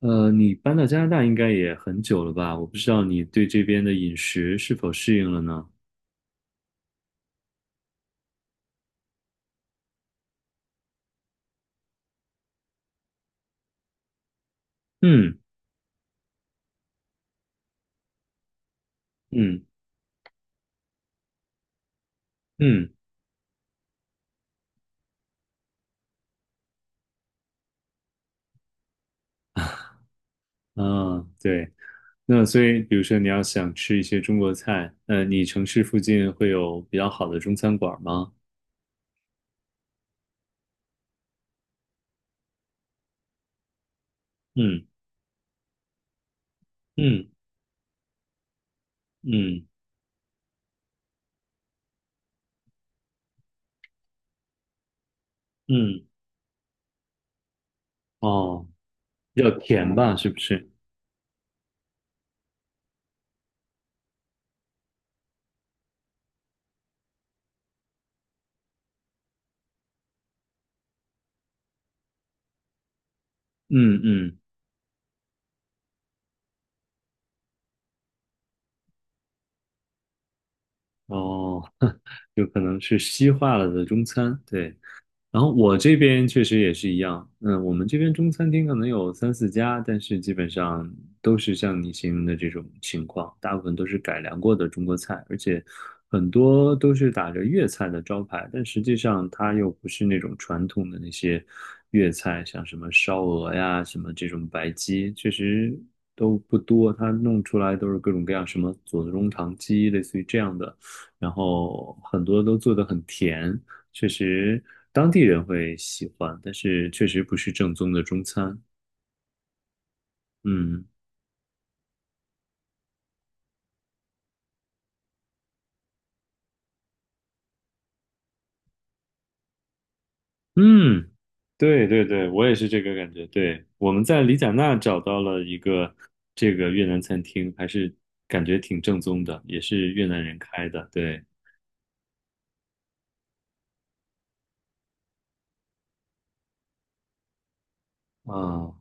你搬到加拿大应该也很久了吧？我不知道你对这边的饮食是否适应了呢？嗯嗯嗯，啊，对。那所以，比如说你要想吃一些中国菜，你城市附近会有比较好的中餐馆吗？嗯嗯嗯嗯，哦，比较甜吧，是不是？嗯嗯，哦，有可能是西化了的中餐，对。然后我这边确实也是一样，嗯，我们这边中餐厅可能有三四家，但是基本上都是像你形容的这种情况，大部分都是改良过的中国菜，而且很多都是打着粤菜的招牌，但实际上它又不是那种传统的那些粤菜，像什么烧鹅呀，什么这种白鸡，确实都不多，它弄出来都是各种各样什么左宗棠鸡，类似于这样的，然后很多都做得很甜。确实当地人会喜欢，但是确实不是正宗的中餐。嗯嗯，对对对，我也是这个感觉。对，我们在里贾纳找到了一个这个越南餐厅，还是感觉挺正宗的，也是越南人开的。对啊，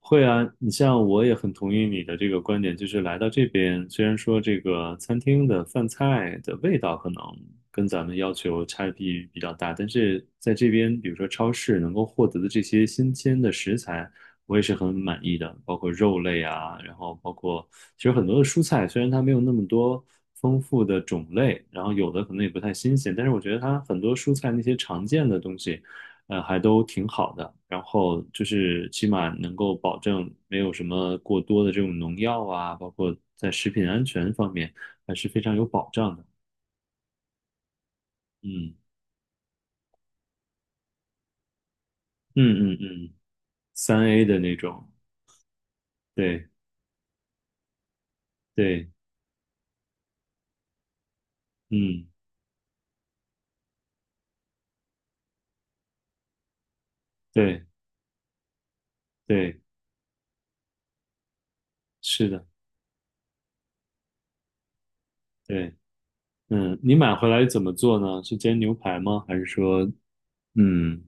会啊，你像我也很同意你的这个观点，就是来到这边，虽然说这个餐厅的饭菜的味道可能跟咱们要求差异比较大，但是在这边，比如说超市能够获得的这些新鲜的食材，我也是很满意的，包括肉类啊，然后包括其实很多的蔬菜，虽然它没有那么多丰富的种类，然后有的可能也不太新鲜，但是我觉得它很多蔬菜那些常见的东西。还都挺好的。然后就是起码能够保证没有什么过多的这种农药啊，包括在食品安全方面还是非常有保障的。嗯嗯嗯嗯，3A 的那种，对对，嗯对对，是的，对，嗯，你买回来怎么做呢？是煎牛排吗？还是说，嗯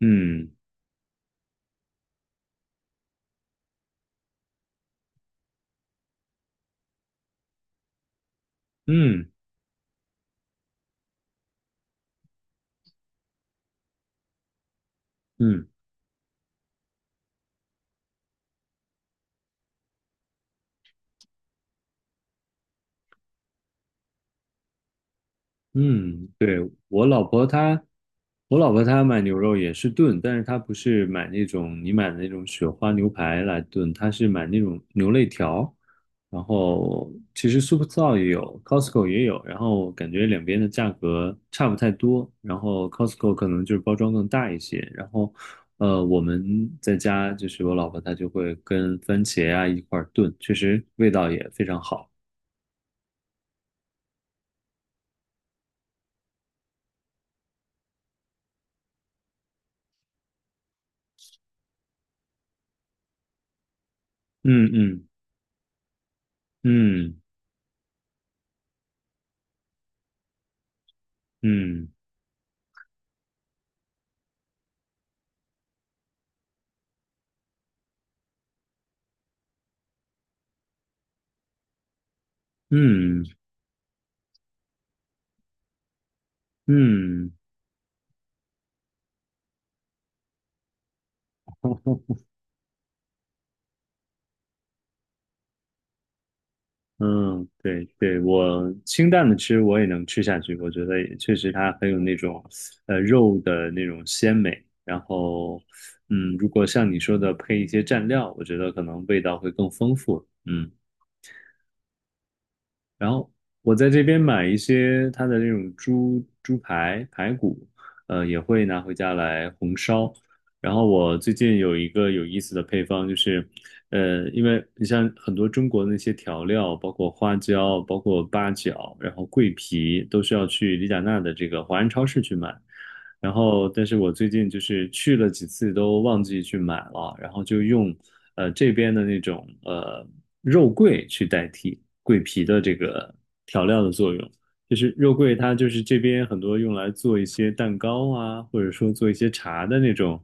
嗯嗯嗯嗯，对，我老婆她，我老婆她买牛肉也是炖，但是她不是买那种你买的那种雪花牛排来炖，她是买那种牛肋条，然后其实 Superstore 也有，Costco 也有，然后感觉两边的价格差不太多，然后 Costco 可能就是包装更大一些，然后我们在家就是我老婆她就会跟番茄啊一块儿炖，确实味道也非常好。嗯嗯嗯嗯嗯。嗯嗯，对对，我清淡的吃我也能吃下去，我觉得也确实它很有那种肉的那种鲜美，然后，如果像你说的配一些蘸料，我觉得可能味道会更丰富。嗯然后我在这边买一些它的那种猪猪排排骨，也会拿回家来红烧。然后我最近有一个有意思的配方，就是，因为你像很多中国那些调料，包括花椒、包括八角，然后桂皮，都需要去李甲娜的这个华人超市去买。然后，但是我最近就是去了几次都忘记去买了，然后就用这边的那种肉桂去代替桂皮的这个调料的作用。就是肉桂，它就是这边很多用来做一些蛋糕啊，或者说做一些茶的那种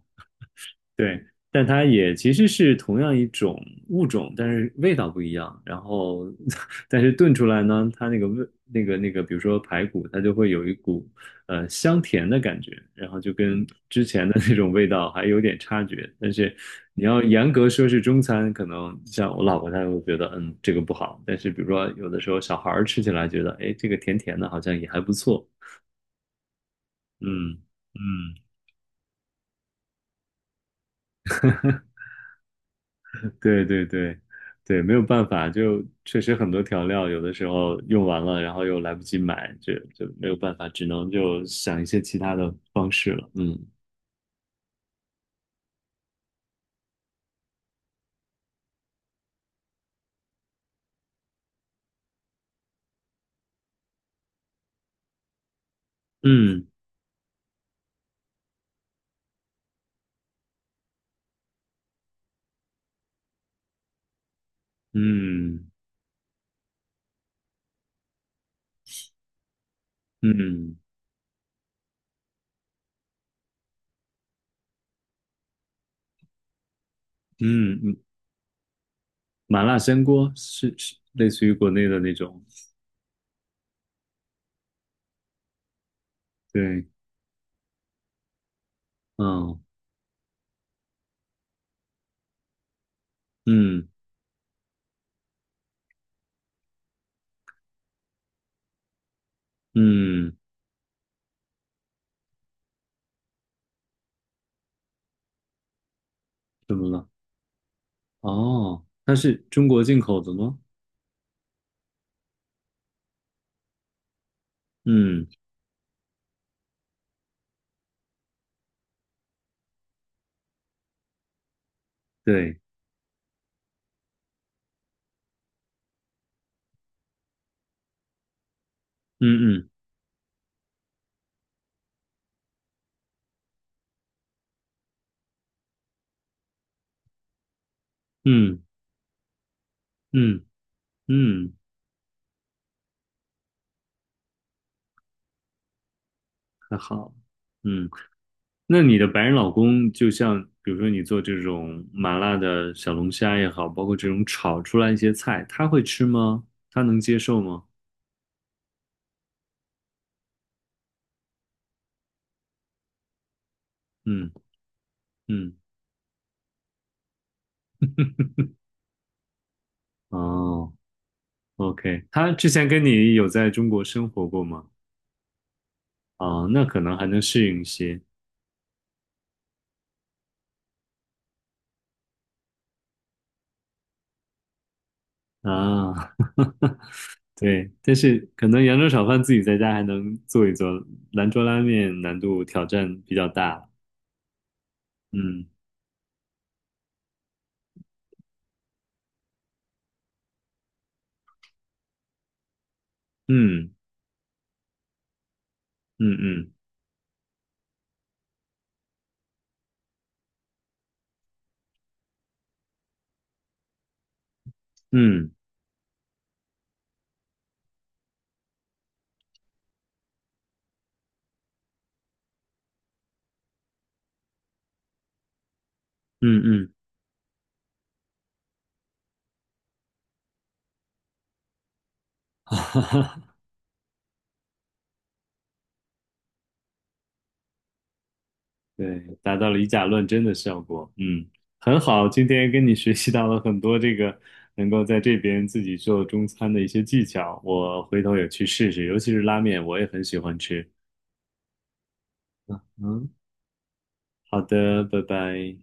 对，但它也其实是同样一种物种，但是味道不一样。然后，但是炖出来呢，它那个味，那个，比如说排骨，它就会有一股香甜的感觉，然后就跟之前的那种味道还有点差距。但是你要严格说是中餐，可能像我老婆她会觉得，嗯，这个不好。但是比如说有的时候小孩儿吃起来觉得，哎，这个甜甜的，好像也还不错。嗯嗯，对对对对，没有办法，就确实很多调料有的时候用完了，然后又来不及买，就没有办法，只能就想一些其他的方式了。嗯嗯嗯嗯嗯，麻辣香锅是类似于国内的那种，对，嗯嗯嗯，怎么了？哦，它是中国进口的吗？嗯，对，嗯嗯嗯嗯嗯，还好，嗯。那你的白人老公，就像比如说你做这种麻辣的小龙虾也好，包括这种炒出来一些菜，他会吃吗？他能接受吗？嗯嗯，哦，OK，他之前跟你有在中国生活过吗？哦，那可能还能适应一些啊。对，但是可能扬州炒饭自己在家还能做一做，兰州拉面难度挑战比较大。嗯嗯嗯嗯嗯嗯嗯，哈哈。对，达到了以假乱真的效果。嗯，很好，今天跟你学习到了很多这个能够在这边自己做中餐的一些技巧，我回头也去试试，尤其是拉面，我也很喜欢吃。嗯，好的，拜拜。